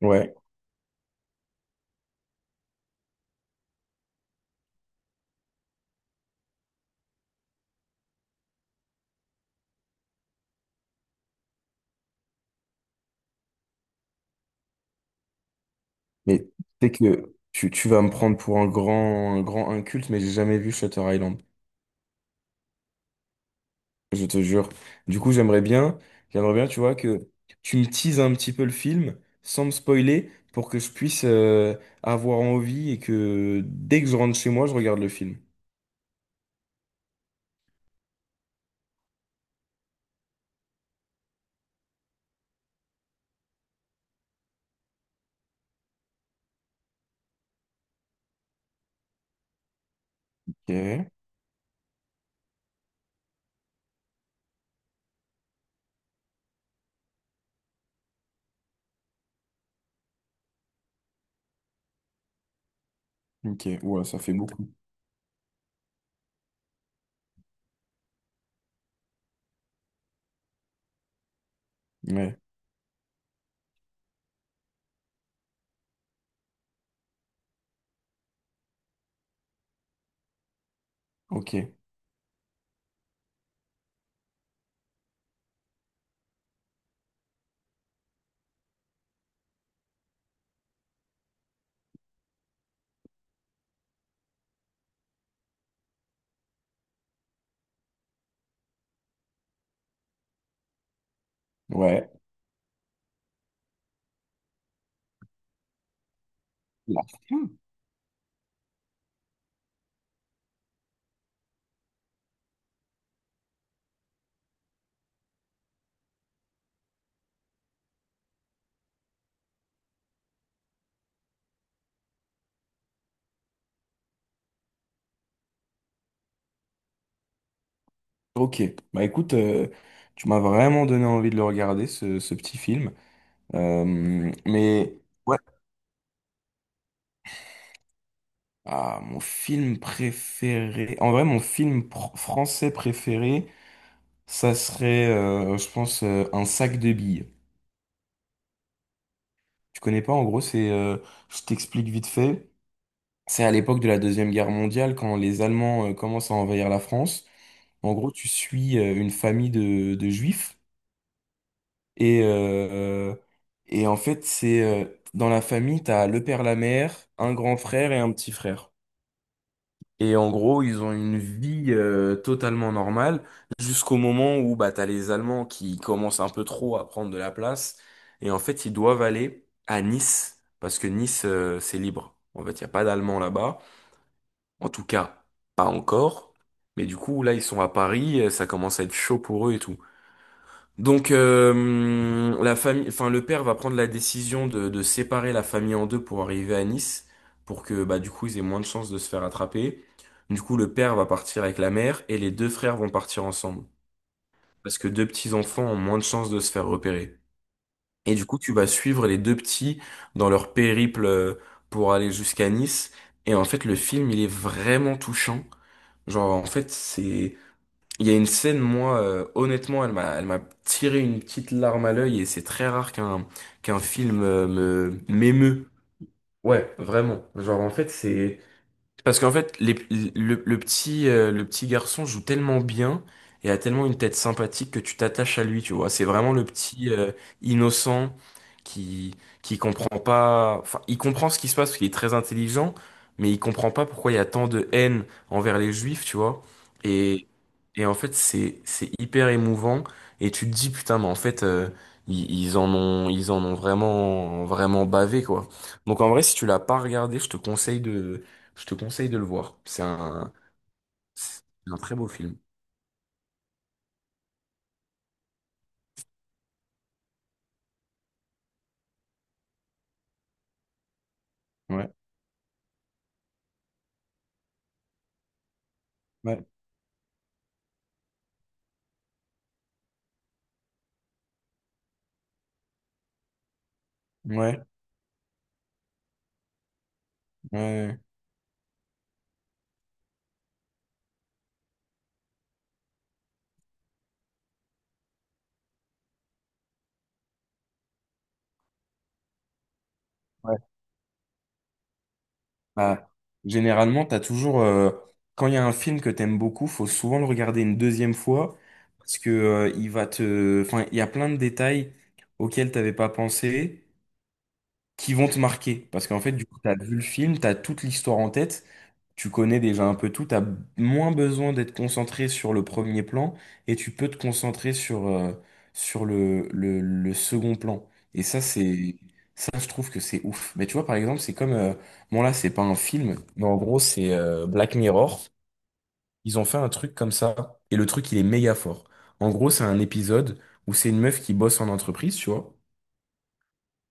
Ouais, mais tu sais que tu vas me prendre pour un grand inculte, mais j'ai jamais vu Shutter Island, je te jure. Du coup, j'aimerais bien, tu vois, que tu me teases un petit peu le film sans me spoiler pour que je puisse avoir envie et que dès que je rentre chez moi, je regarde le film. Ok, ok, ouais, ça fait beaucoup. Ouais, ok, ouais. La fin. Ok, bah écoute, tu m'as vraiment donné envie de le regarder, ce petit film. Euh, mais. Ouais. Ah, mon film préféré. En vrai, français préféré, ça serait, je pense, Un sac de billes. Tu connais pas? En gros, c'est, je t'explique vite fait. C'est à l'époque de la Deuxième Guerre mondiale, quand les Allemands, commencent à envahir la France. En gros, tu suis une famille de juifs et, euh, et en fait, c'est dans la famille, t'as le père, la mère, un grand frère et un petit frère. Et en gros, ils ont une vie totalement normale jusqu'au moment où bah, t'as les Allemands qui commencent un peu trop à prendre de la place. Et en fait, ils doivent aller à Nice parce que Nice, c'est libre. En fait, il n'y a pas d'Allemands là-bas. En tout cas, pas encore. Mais du coup, là, ils sont à Paris, ça commence à être chaud pour eux et tout. Donc la famille, enfin le père va prendre la décision de séparer la famille en deux pour arriver à Nice, pour que bah du coup ils aient moins de chances de se faire attraper. Du coup le père va partir avec la mère et les deux frères vont partir ensemble, parce que deux petits enfants ont moins de chances de se faire repérer. Et du coup tu vas suivre les deux petits dans leur périple pour aller jusqu'à Nice. Et en fait le film il est vraiment touchant. Genre en fait c'est il y a une scène, moi, honnêtement, elle m'a tiré une petite larme à l'œil et c'est très rare qu'un film me m'émeut. Ouais, vraiment. Genre, en fait, c'est parce qu'en fait, les- le petit garçon joue tellement bien et a tellement une tête sympathique que tu t'attaches à lui, tu vois. C'est vraiment le petit innocent qui qui comprend pas. Enfin, il comprend ce qui se passe parce qu'il est très intelligent, mais il comprend pas pourquoi il y a tant de haine envers les juifs, tu vois. Et et en fait, c'est hyper émouvant. Et tu te dis putain, mais en fait, ils en ont ils en ont vraiment vraiment bavé quoi. Donc en vrai, si tu l'as pas regardé, je te conseille de le voir. C'est un très beau film. Ouais, ouais, ouais, ouais, ouais. Bah, généralement, t'as toujours, quand il y a un film que t'aimes beaucoup, faut souvent le regarder une deuxième fois parce que, enfin, il y a plein de détails auxquels t'avais pas pensé qui vont te marquer parce qu'en fait, du coup, t'as vu le film, t'as toute l'histoire en tête, tu connais déjà un peu tout, t'as moins besoin d'être concentré sur le premier plan et tu peux te concentrer sur, sur le second plan. Et ça, ça, je trouve que c'est ouf. Mais tu vois, par exemple, c'est comme, bon là, c'est pas un film, mais en gros, c'est Black Mirror. Ils ont fait un truc comme ça et le truc, il est méga fort. En gros, c'est un épisode où c'est une meuf qui bosse en entreprise, tu vois.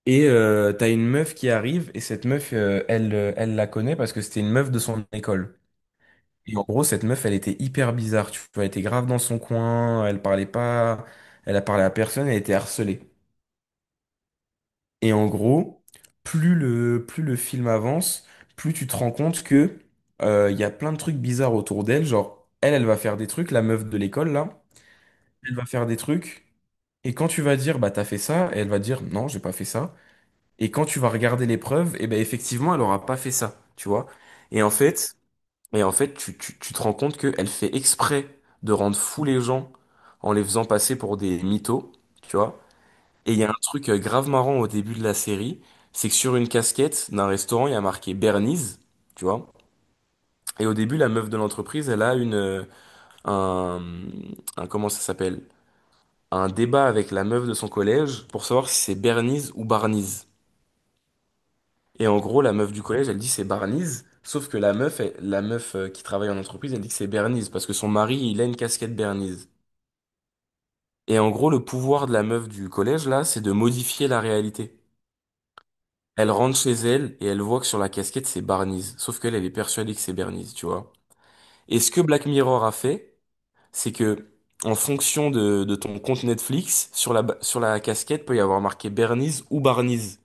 Et t'as une meuf qui arrive et cette meuf, elle la connaît parce que c'était une meuf de son école. Et en gros, cette meuf, elle était hyper bizarre, tu vois, elle était grave dans son coin, elle parlait pas, elle a parlé à personne, elle était harcelée. Et en gros, plus le film avance, plus tu te rends compte que il y a plein de trucs bizarres autour d'elle, genre, elle va faire des trucs, la meuf de l'école, là, elle va faire des trucs, et quand tu vas dire, bah, t'as fait ça, elle va dire, non, j'ai pas fait ça, et quand tu vas regarder les preuves, et ben, effectivement, elle aura pas fait ça, tu vois. Et en fait, Et en fait, tu te rends compte qu'elle fait exprès de rendre fous les gens en les faisant passer pour des mythos, tu vois. Et il y a un truc grave marrant au début de la série, c'est que sur une casquette d'un restaurant, il y a marqué Bernice, tu vois. Et au début, la meuf de l'entreprise, elle a une, un, un, comment ça s'appelle? Un débat avec la meuf de son collège pour savoir si c'est Bernice ou Barnies. Et en gros, la meuf du collège, elle dit c'est Barney's. Sauf que la meuf qui travaille en entreprise, elle dit que c'est Bernice parce que son mari, il a une casquette Bernice. Et en gros, le pouvoir de la meuf du collège, là, c'est de modifier la réalité. Elle rentre chez elle et elle voit que sur la casquette, c'est Barney's. Sauf qu'elle, elle est persuadée que c'est Bernice, tu vois. Et ce que Black Mirror a fait, c'est que, en fonction de ton compte Netflix, sur sur la casquette peut y avoir marqué Bernice ou Barney's.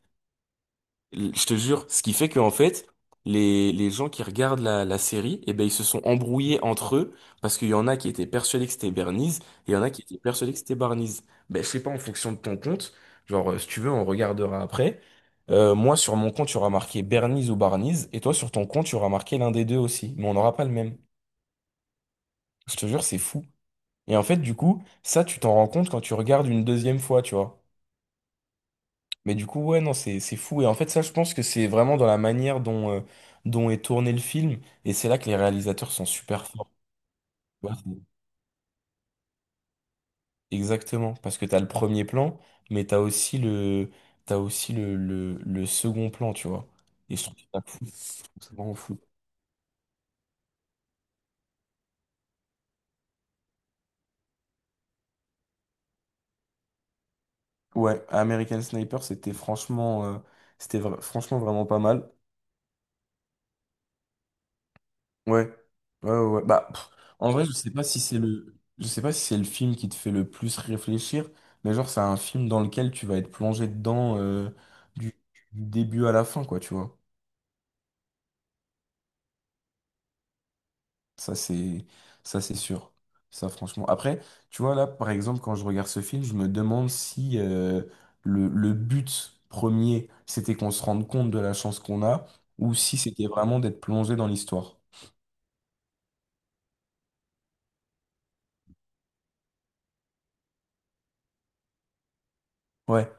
Je te jure, ce qui fait qu'en fait, les gens qui regardent la série, eh ben, ils se sont embrouillés entre eux parce qu'il y en a qui étaient persuadés que c'était Bernice et il y en a qui étaient persuadés que c'était Barniz. Ben, je sais pas, en fonction de ton compte, genre, si tu veux, on regardera après. Moi, sur mon compte, tu auras marqué Bernice ou Barniz et toi, sur ton compte, tu auras marqué l'un des deux aussi. Mais on n'aura pas le même. Je te jure, c'est fou. Et en fait, du coup, ça, tu t'en rends compte quand tu regardes une deuxième fois, tu vois. Mais du coup, ouais, non, c'est fou. Et en fait, ça, je pense que c'est vraiment dans la manière dont, dont est tourné le film. Et c'est là que les réalisateurs sont super forts. Tu vois, c'est- exactement. Parce que t'as le premier plan, mais t'as aussi le second plan, tu vois. Et je trouve ça fou. Je trouve ça vraiment fou. Ouais, American Sniper, c'était franchement, franchement vraiment pas mal. Ouais, ouais, ouais, ouais. Bah, pff, en vrai, je sais pas si c'est le film qui te fait le plus réfléchir, mais genre c'est un film dans lequel tu vas être plongé dedans du, du début à la fin, quoi, tu vois. Ça c'est, ça c'est sûr. Ça franchement. Après, tu vois là, par exemple, quand je regarde ce film, je me demande si le but premier, c'était qu'on se rende compte de la chance qu'on a, ou si c'était vraiment d'être plongé dans l'histoire. Ouais,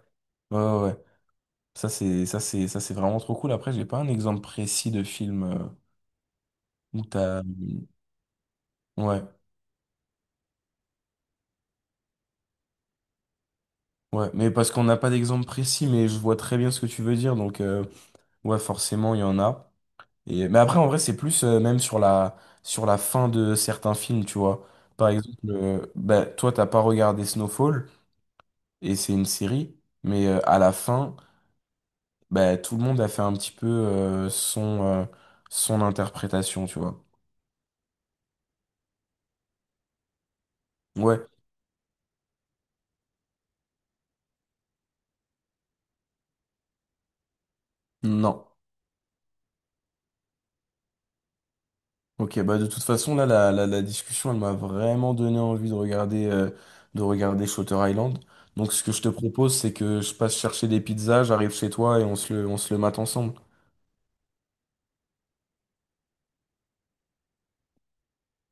ouais, ouais, ouais. Ça, c'est vraiment trop cool. Après, j'ai pas un exemple précis de film où t'as. Ouais, ouais. Mais parce qu'on n'a pas d'exemple précis, mais je vois très bien ce que tu veux dire. Donc, ouais, forcément, il y en a. Et… Mais après, en vrai, c'est plus même sur sur la fin de certains films, tu vois. Par exemple, bah, toi, t'as pas regardé Snowfall, et c'est une série, mais à la fin, bah, tout le monde a fait un petit peu son interprétation, tu vois. Ouais, non. Ok, bah de toute façon, là, la discussion, elle m'a vraiment donné envie de regarder Shutter Island. Donc, ce que je te propose, c'est que je passe chercher des pizzas, j'arrive chez toi et on se le mate ensemble.